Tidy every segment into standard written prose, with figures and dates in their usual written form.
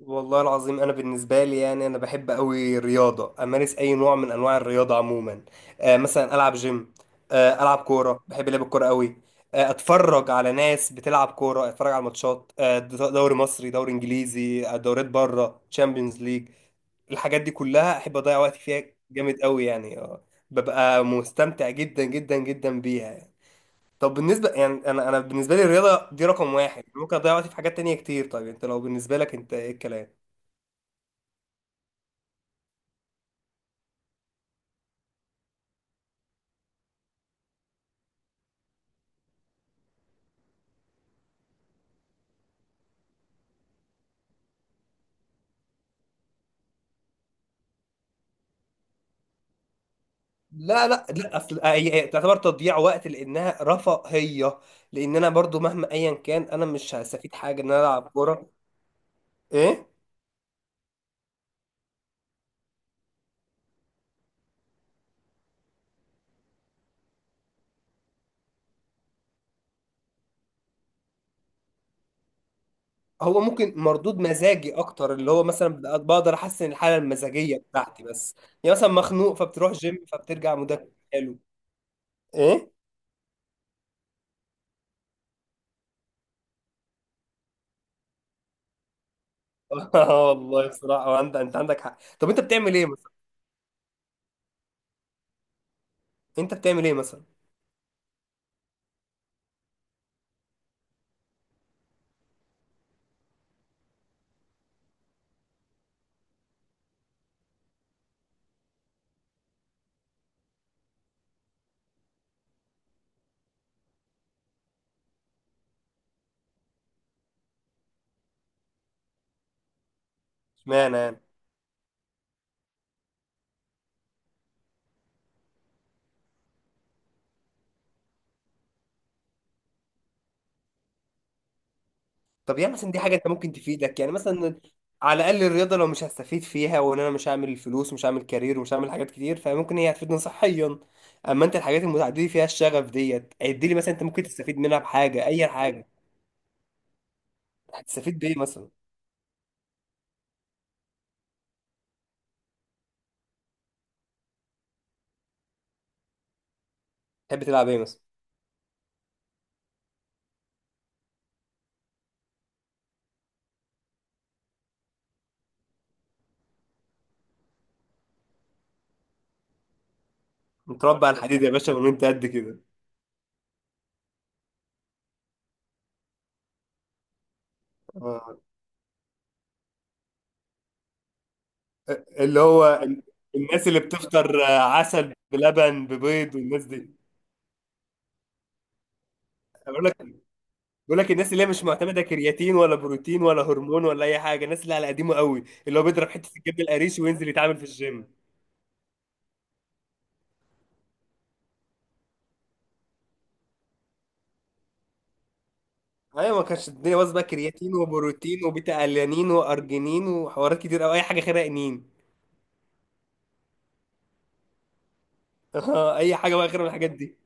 والله العظيم، انا بالنسبه لي يعني انا بحب قوي الرياضه، امارس اي نوع من انواع الرياضه عموما. مثلا العب جيم. العب كوره، بحب لعب الكوره قوي. اتفرج على ناس بتلعب كوره، اتفرج على ماتشات دوري مصري، دوري انجليزي، دوريات بره، تشامبيونز ليج. الحاجات دي كلها احب اضيع وقتي فيها. جامد قوي يعني ببقى مستمتع جدا جدا جدا بيها يعني. طب بالنسبه، يعني انا بالنسبه لي الرياضه دي رقم واحد، ممكن اضيع وقتي في حاجات تانية كتير. طيب انت لو بالنسبه لك انت ايه الكلام؟ لا لا لا، اصل هي تعتبر تضييع وقت لانها رفاهيه. لان انا برضو مهما ايا كان انا مش هستفيد حاجه ان انا العب كوره. ايه. هو ممكن مردود مزاجي اكتر، اللي هو مثلا بقدر احسن الحاله المزاجيه بتاعتي بس. يعني مثلا مخنوق، فبتروح جيم، فبترجع مودك حلو. ايه. والله بصراحه، وانت عندك حق. طب انت بتعمل ايه مثلا؟ انت بتعمل ايه مثلا؟ اشمعنى يعني؟ طب يعني مثلا دي حاجه انت ممكن تفيدك يعني مثلا؟ على الاقل الرياضه، لو مش هستفيد فيها وان انا مش هعمل فلوس ومش هعمل كارير ومش هعمل حاجات كتير، فممكن هي هتفيدني صحيا. اما انت الحاجات المتعدده فيها الشغف ديت، عد لي مثلا انت ممكن تستفيد منها بحاجه اي حاجه. هتستفيد بايه مثلا؟ تحب تلعب ايه مثلا؟ متربع على الحديد يا باشا من وانت قد كده؟ آه. اللي هو الناس اللي بتفطر عسل بلبن ببيض والناس دي. اقول لك. بيقول لك الناس اللي هي مش معتمده كرياتين ولا بروتين ولا هرمون ولا اي حاجه، الناس اللي على قديمه قوي، اللي هو بيضرب حته الجبن القريش وينزل يتعامل في الجيم. ايوه، ما كانش الدنيا باظت بقى كرياتين وبروتين وبيتا الانين وارجينين وحوارات كتير او اي حاجه خيرها انين. اي حاجه بقى خير من الحاجات دي.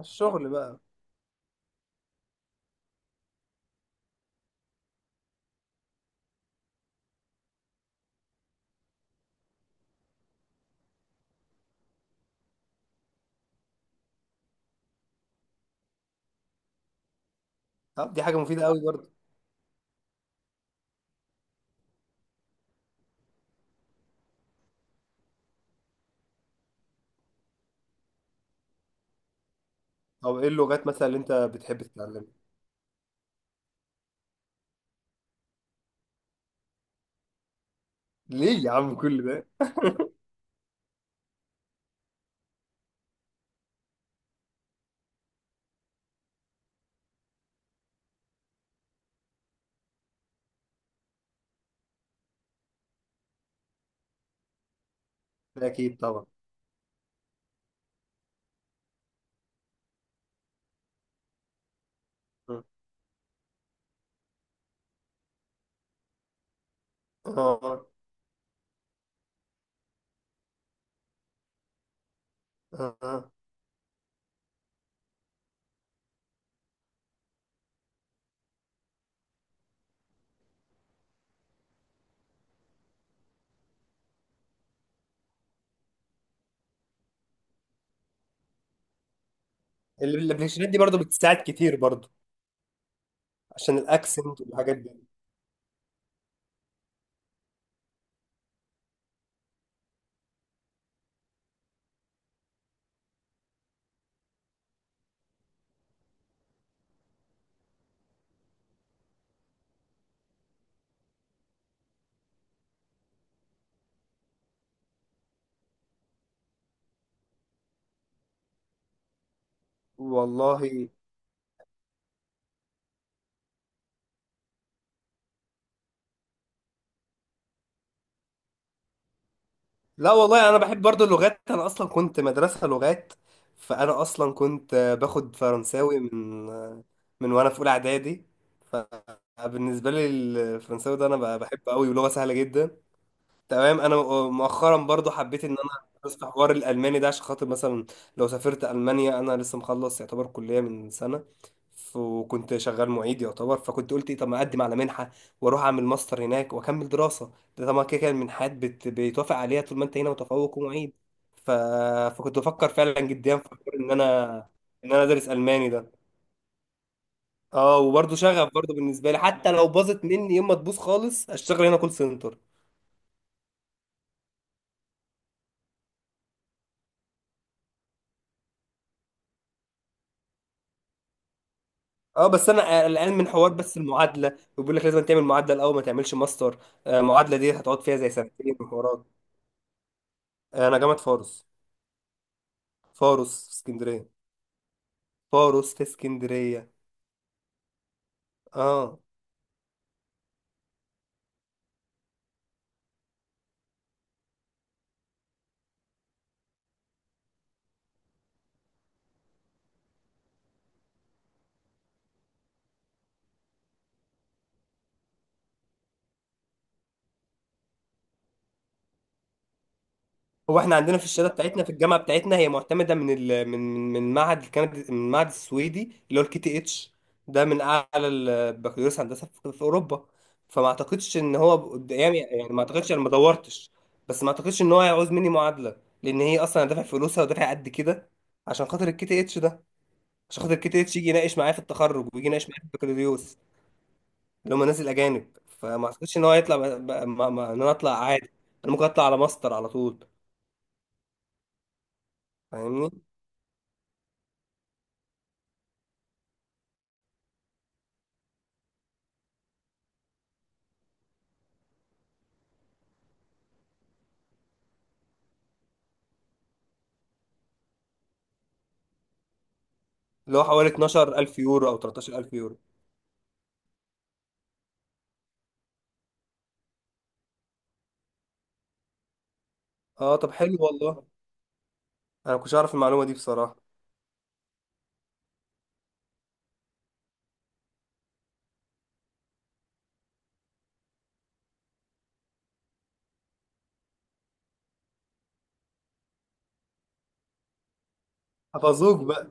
الشغل بقى؟ طب دي حاجه مفيده قوي برضه. طب ايه اللغات مثلا اللي انت بتحب تتعلمها؟ ليه يا عم كل ده؟ ده اكيد طبعا. اه، اه. آه. الابلكيشنات دي برضه بتساعد كتير برضه، عشان الاكسنت والحاجات دي. والله. لا والله، انا بحب برضو اللغات، انا اصلا كنت مدرسة لغات. فانا اصلا كنت باخد فرنساوي من وانا في اولى اعدادي. فبالنسبة لي الفرنساوي ده انا بحبه قوي، ولغة سهلة جدا. تمام. انا مؤخرا برضو حبيت ان انا ادرس في حوار الالماني ده، عشان خاطر مثلا لو سافرت المانيا. انا لسه مخلص يعتبر كليه من سنه، وكنت شغال معيد يعتبر، فكنت قلت ايه، طب ما اقدم على منحه واروح اعمل ماستر هناك واكمل دراسه. ده طبعا كده كده المنحات بيتوافق عليها طول ما انت هنا متفوق ومعيد. ف... فكنت بفكر فعلا جديا في حوار ان انا ادرس الماني ده. اه، وبرضه شغف برضه بالنسبه لي، حتى لو باظت مني يوم ما تبوظ خالص اشتغل هنا كول سنتر. اه بس انا قلقان من حوار بس المعادله، وبيقول لك لازم تعمل معادله الاول ما تعملش ماستر. المعادله دي هتقعد فيها زي سنتين وحوارات. انا جامعه فاروس. فاروس في اسكندريه. فاروس في اسكندريه. اه، هو احنا عندنا في الشهاده بتاعتنا، في الجامعه بتاعتنا، هي معتمده من من معهد الكندي، من المعهد السويدي اللي هو الكي تي اتش. ده من اعلى البكالوريوس هندسه في اوروبا. فما اعتقدش ان هو قدامي، يعني ما اعتقدش، انا ما دورتش. بس ما اعتقدش ان هو هيعوز مني معادله، لان هي اصلا انا دافع فلوسها ودافع قد كده عشان خاطر الكي تي اتش ده، عشان خاطر الكي تي اتش يجي يناقش معايا في التخرج ويجي يناقش معايا في البكالوريوس، اللي هم الناس الاجانب. فما اعتقدش ان هو هيطلع ب... ب... ما... ما... ان انا اطلع عادي. انا ممكن اطلع على ماستر على طول. فاهمني. اللي هو حوالي 12000 يورو او 13000 يورو. اه طب حلو والله. انا كنتش اعرف المعلومه دي بصراحه. حفظوك بقى.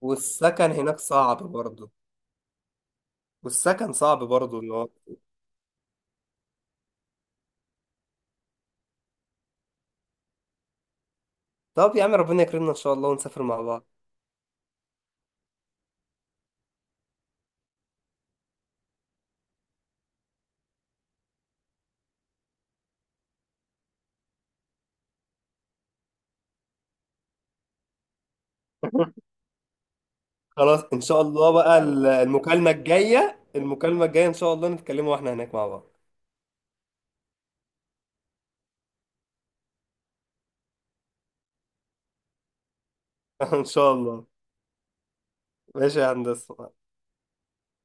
والسكن هناك صعب برضه. والسكن صعب برضه، اللي هو. طب يا عم ربنا يكرمنا ان شاء الله ونسافر مع بعض. خلاص، ان شاء الله بقى المكالمه الجايه ان شاء الله نتكلموا واحنا هناك مع بعض. ان شاء الله. ماشي يا هندسه.